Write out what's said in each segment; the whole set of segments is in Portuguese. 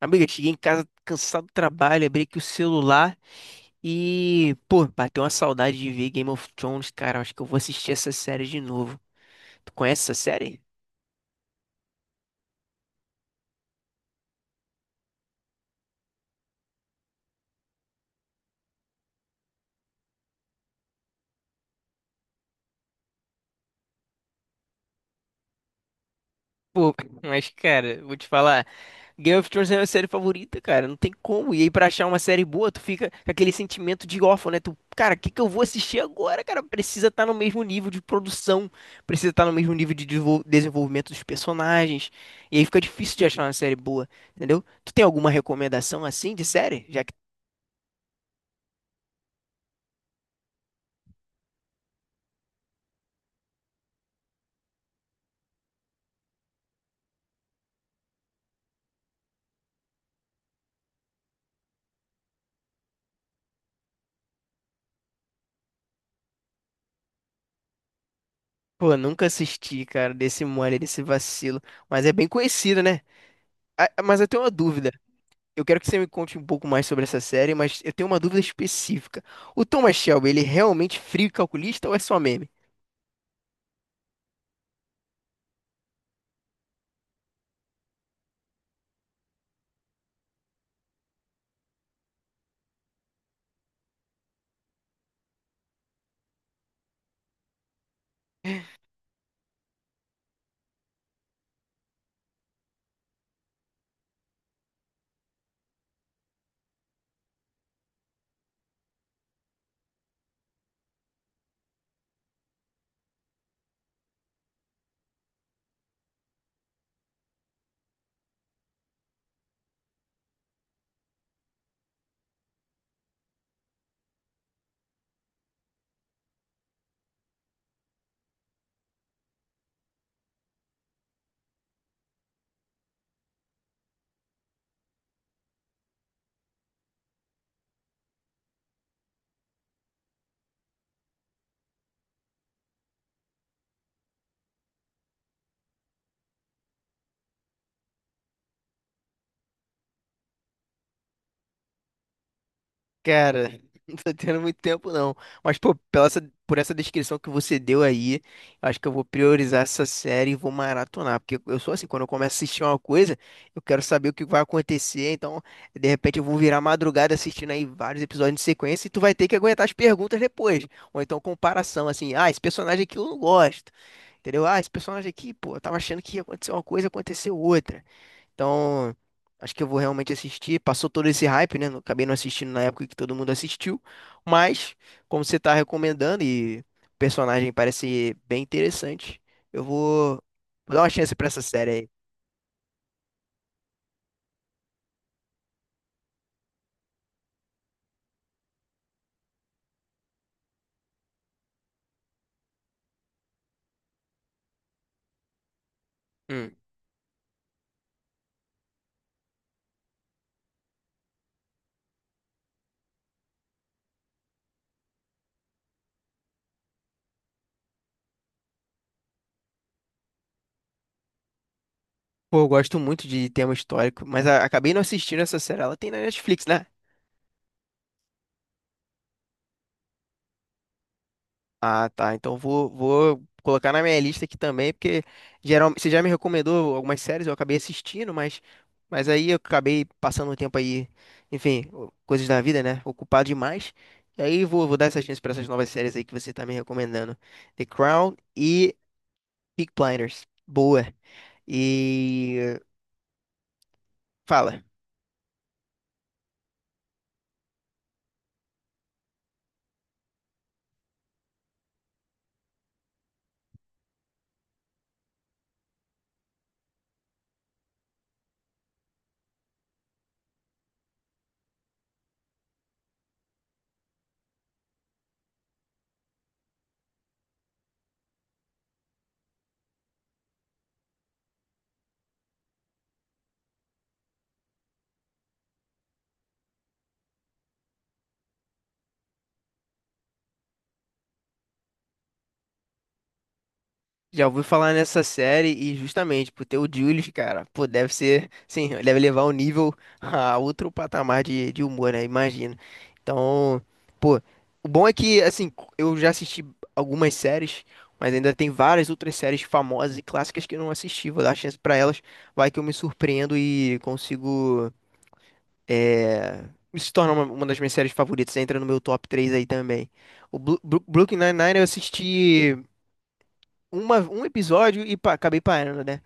Amiga, cheguei em casa cansado do trabalho, abri aqui o celular e, pô, bateu uma saudade de ver Game of Thrones, cara. Acho que eu vou assistir essa série de novo. Tu conhece essa série? Pô, mas cara, vou te falar. Game of Thrones é a minha série favorita, cara. Não tem como. E aí, pra achar uma série boa, tu fica com aquele sentimento de órfão, né? Tu, cara, o que que eu vou assistir agora, cara? Precisa estar no mesmo nível de produção, precisa estar no mesmo nível de desenvolvimento dos personagens. E aí fica difícil de achar uma série boa, entendeu? Tu tem alguma recomendação assim de série? Já que, pô, nunca assisti, cara, desse mole, desse vacilo. Mas é bem conhecido, né? Ah, mas eu tenho uma dúvida. Eu quero que você me conte um pouco mais sobre essa série, mas eu tenho uma dúvida específica. O Thomas Shelby, ele é realmente frio e calculista ou é só meme? Cara, não tô tendo muito tempo não. Mas, pô, por essa descrição que você deu aí, eu acho que eu vou priorizar essa série e vou maratonar. Porque eu sou assim, quando eu começo a assistir uma coisa, eu quero saber o que vai acontecer. Então, de repente, eu vou virar madrugada assistindo aí vários episódios em sequência e tu vai ter que aguentar as perguntas depois. Ou então, comparação, assim, ah, esse personagem aqui eu não gosto. Entendeu? Ah, esse personagem aqui, pô, eu tava achando que ia acontecer uma coisa, aconteceu outra. Então, acho que eu vou realmente assistir. Passou todo esse hype, né? Acabei não assistindo na época que todo mundo assistiu. Mas, como você tá recomendando e o personagem parece bem interessante, eu vou, vou dar uma chance pra essa série aí. Hum. Pô, eu gosto muito de tema histórico, mas acabei não assistindo essa série. Ela tem na Netflix, né? Ah, tá. Então vou, vou colocar na minha lista aqui também, porque geralmente você já me recomendou algumas séries, eu acabei assistindo, mas aí eu acabei passando um tempo aí, enfim, coisas da vida, né? Ocupado demais. E aí vou, vou dar essa chance pra essas novas séries aí que você tá me recomendando. The Crown e Peaky Blinders. Boa. E fala. Já ouvi falar nessa série e justamente por ter o Julius, cara, pô, deve ser, sim, deve levar o nível a outro patamar de humor, né? Imagino. Então, pô, o bom é que, assim, eu já assisti algumas séries, mas ainda tem várias outras séries famosas e clássicas que eu não assisti. Vou dar chance pra elas, vai que eu me surpreendo e consigo, é, se tornar uma das minhas séries favoritas. Entra no meu top 3 aí também. O Brooklyn Nine-Nine eu assisti uma, um episódio e acabei parando, né?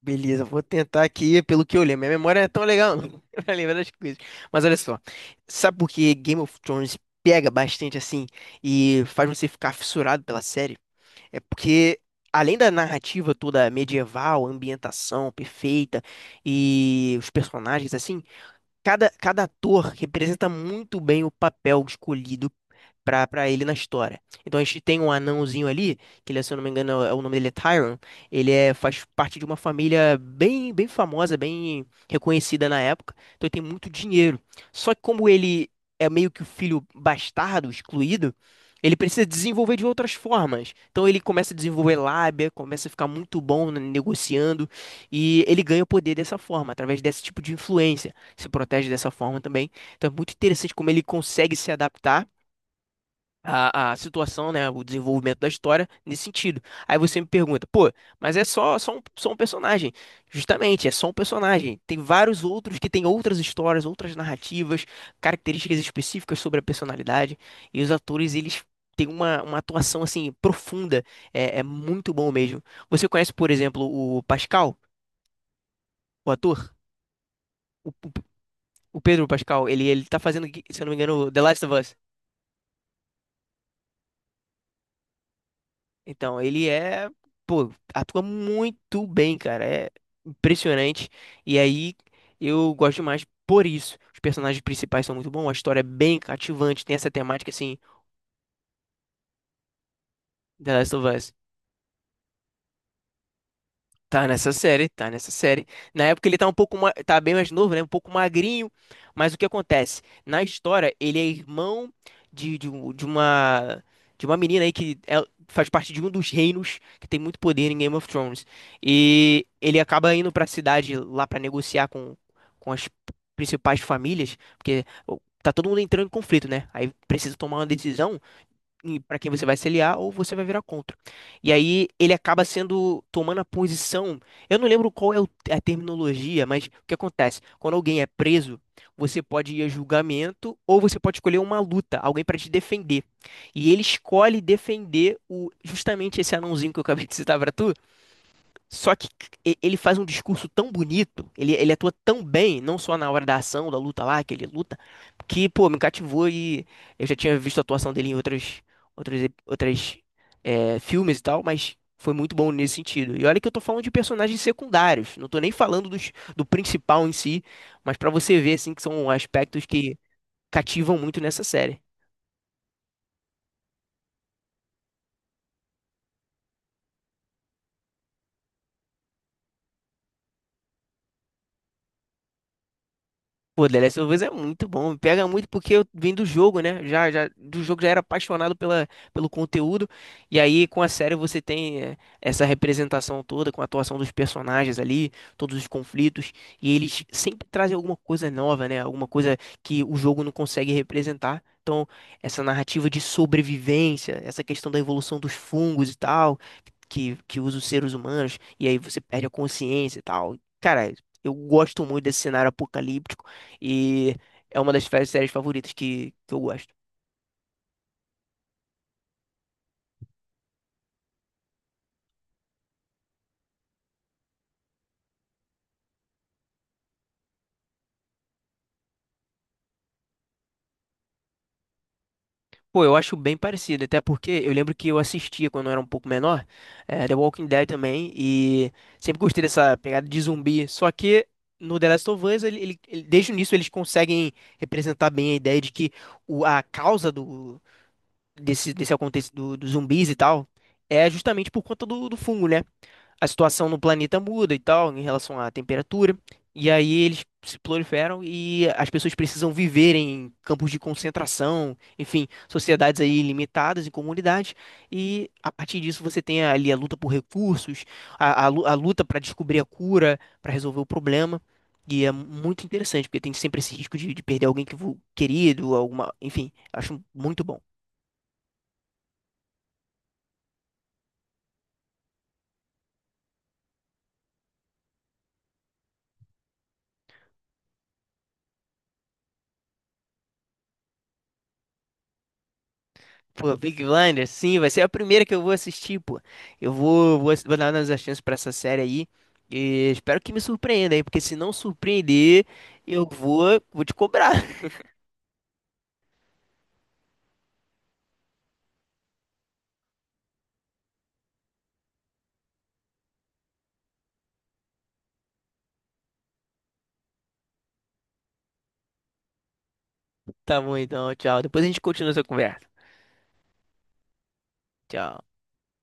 Beleza, vou tentar aqui pelo que eu lembro. Minha memória não é tão legal, não, pra lembrar das coisas. Mas olha só, sabe por que Game of Thrones pega bastante assim e faz você ficar fissurado pela série? É porque, além da narrativa toda medieval, ambientação perfeita e os personagens assim, cada, cada ator representa muito bem o papel escolhido pra ele na história. Então a gente tem um anãozinho ali, que ele, se eu não me engano, o nome dele é Tyrion. Ele é, faz parte de uma família bem, bem famosa, bem reconhecida na época. Então ele tem muito dinheiro. Só que como ele é meio que o filho bastardo, excluído, ele precisa desenvolver de outras formas. Então ele começa a desenvolver lábia, começa a ficar muito bom né, negociando e ele ganha o poder dessa forma, através desse tipo de influência. Se protege dessa forma também. Então é muito interessante como ele consegue se adaptar a situação, né, o desenvolvimento da história nesse sentido. Aí você me pergunta, pô, mas é só, só um personagem. Justamente, é só um personagem. Tem vários outros que têm outras histórias, outras narrativas, características específicas sobre a personalidade. E os atores, eles têm uma atuação, assim, profunda. É, é muito bom mesmo. Você conhece, por exemplo, o Pascal, o ator? O, o- o Pedro Pascal, ele tá fazendo, se eu não me engano, The Last of Us. Então, ele é, pô, atua muito bem, cara. É impressionante. E aí, eu gosto demais por isso. Os personagens principais são muito bons, a história é bem cativante, tem essa temática, assim, The Last of Us. Tá nessa série, tá nessa série. Na época ele tá um pouco, tá bem mais novo, né? Um pouco magrinho, mas o que acontece? Na história, ele é irmão de, de, um- de uma de uma menina aí que faz parte de um dos reinos que tem muito poder em Game of Thrones. E ele acaba indo pra cidade lá pra negociar com as principais famílias, porque tá todo mundo entrando em conflito, né? Aí precisa tomar uma decisão para quem você vai se aliar ou você vai virar contra. E aí ele acaba sendo tomando a posição. Eu não lembro qual é é a terminologia, mas o que acontece? Quando alguém é preso, você pode ir a julgamento ou você pode escolher uma luta, alguém para te defender. E ele escolhe defender o justamente esse anãozinho que eu acabei de citar para tu, só que ele faz um discurso tão bonito, ele atua tão bem, não só na hora da ação, da luta lá, que ele luta, que, pô, me cativou e eu já tinha visto a atuação dele em outras, outras é, filmes e tal, mas foi muito bom nesse sentido. E olha que eu tô falando de personagens secundários, não tô nem falando dos, do principal em si, mas pra você ver, assim, que são aspectos que cativam muito nessa série. Pô, The Last of Us é muito bom, me pega muito porque eu vim do jogo, né? Já, já do jogo já era apaixonado pela, pelo conteúdo. E aí com a série você tem é, essa representação toda com a atuação dos personagens ali, todos os conflitos, e eles sempre trazem alguma coisa nova, né? Alguma coisa que o jogo não consegue representar. Então, essa narrativa de sobrevivência, essa questão da evolução dos fungos e tal, que usa os seres humanos, e aí você perde a consciência e tal. Cara, eu gosto muito desse cenário apocalíptico. E é uma das séries favoritas que eu gosto. Pô, eu acho bem parecido, até porque eu lembro que eu assistia quando eu era um pouco menor, The Walking Dead também, e sempre gostei dessa pegada de zumbi. Só que no The Last of Us, desde o início, eles conseguem representar bem a ideia de que o, a causa do, desse, desse acontecimento dos zumbis e tal é justamente por conta do, do fungo, né? A situação no planeta muda e tal, em relação à temperatura. E aí eles se proliferam e as pessoas precisam viver em campos de concentração, enfim, sociedades aí limitadas e comunidades. E a partir disso você tem ali a luta por recursos, a, a luta para descobrir a cura, para resolver o problema. E é muito interessante, porque tem sempre esse risco de perder alguém que querido, alguma, enfim, acho muito bom. Pô, Big Blinders, sim, vai ser a primeira que eu vou assistir, pô. Eu vou, vou, vou dar umas chances pra essa série aí. E espero que me surpreenda aí, porque se não surpreender, eu vou, vou te cobrar. Tá bom, então, tchau. Depois a gente continua essa conversa. Tchau.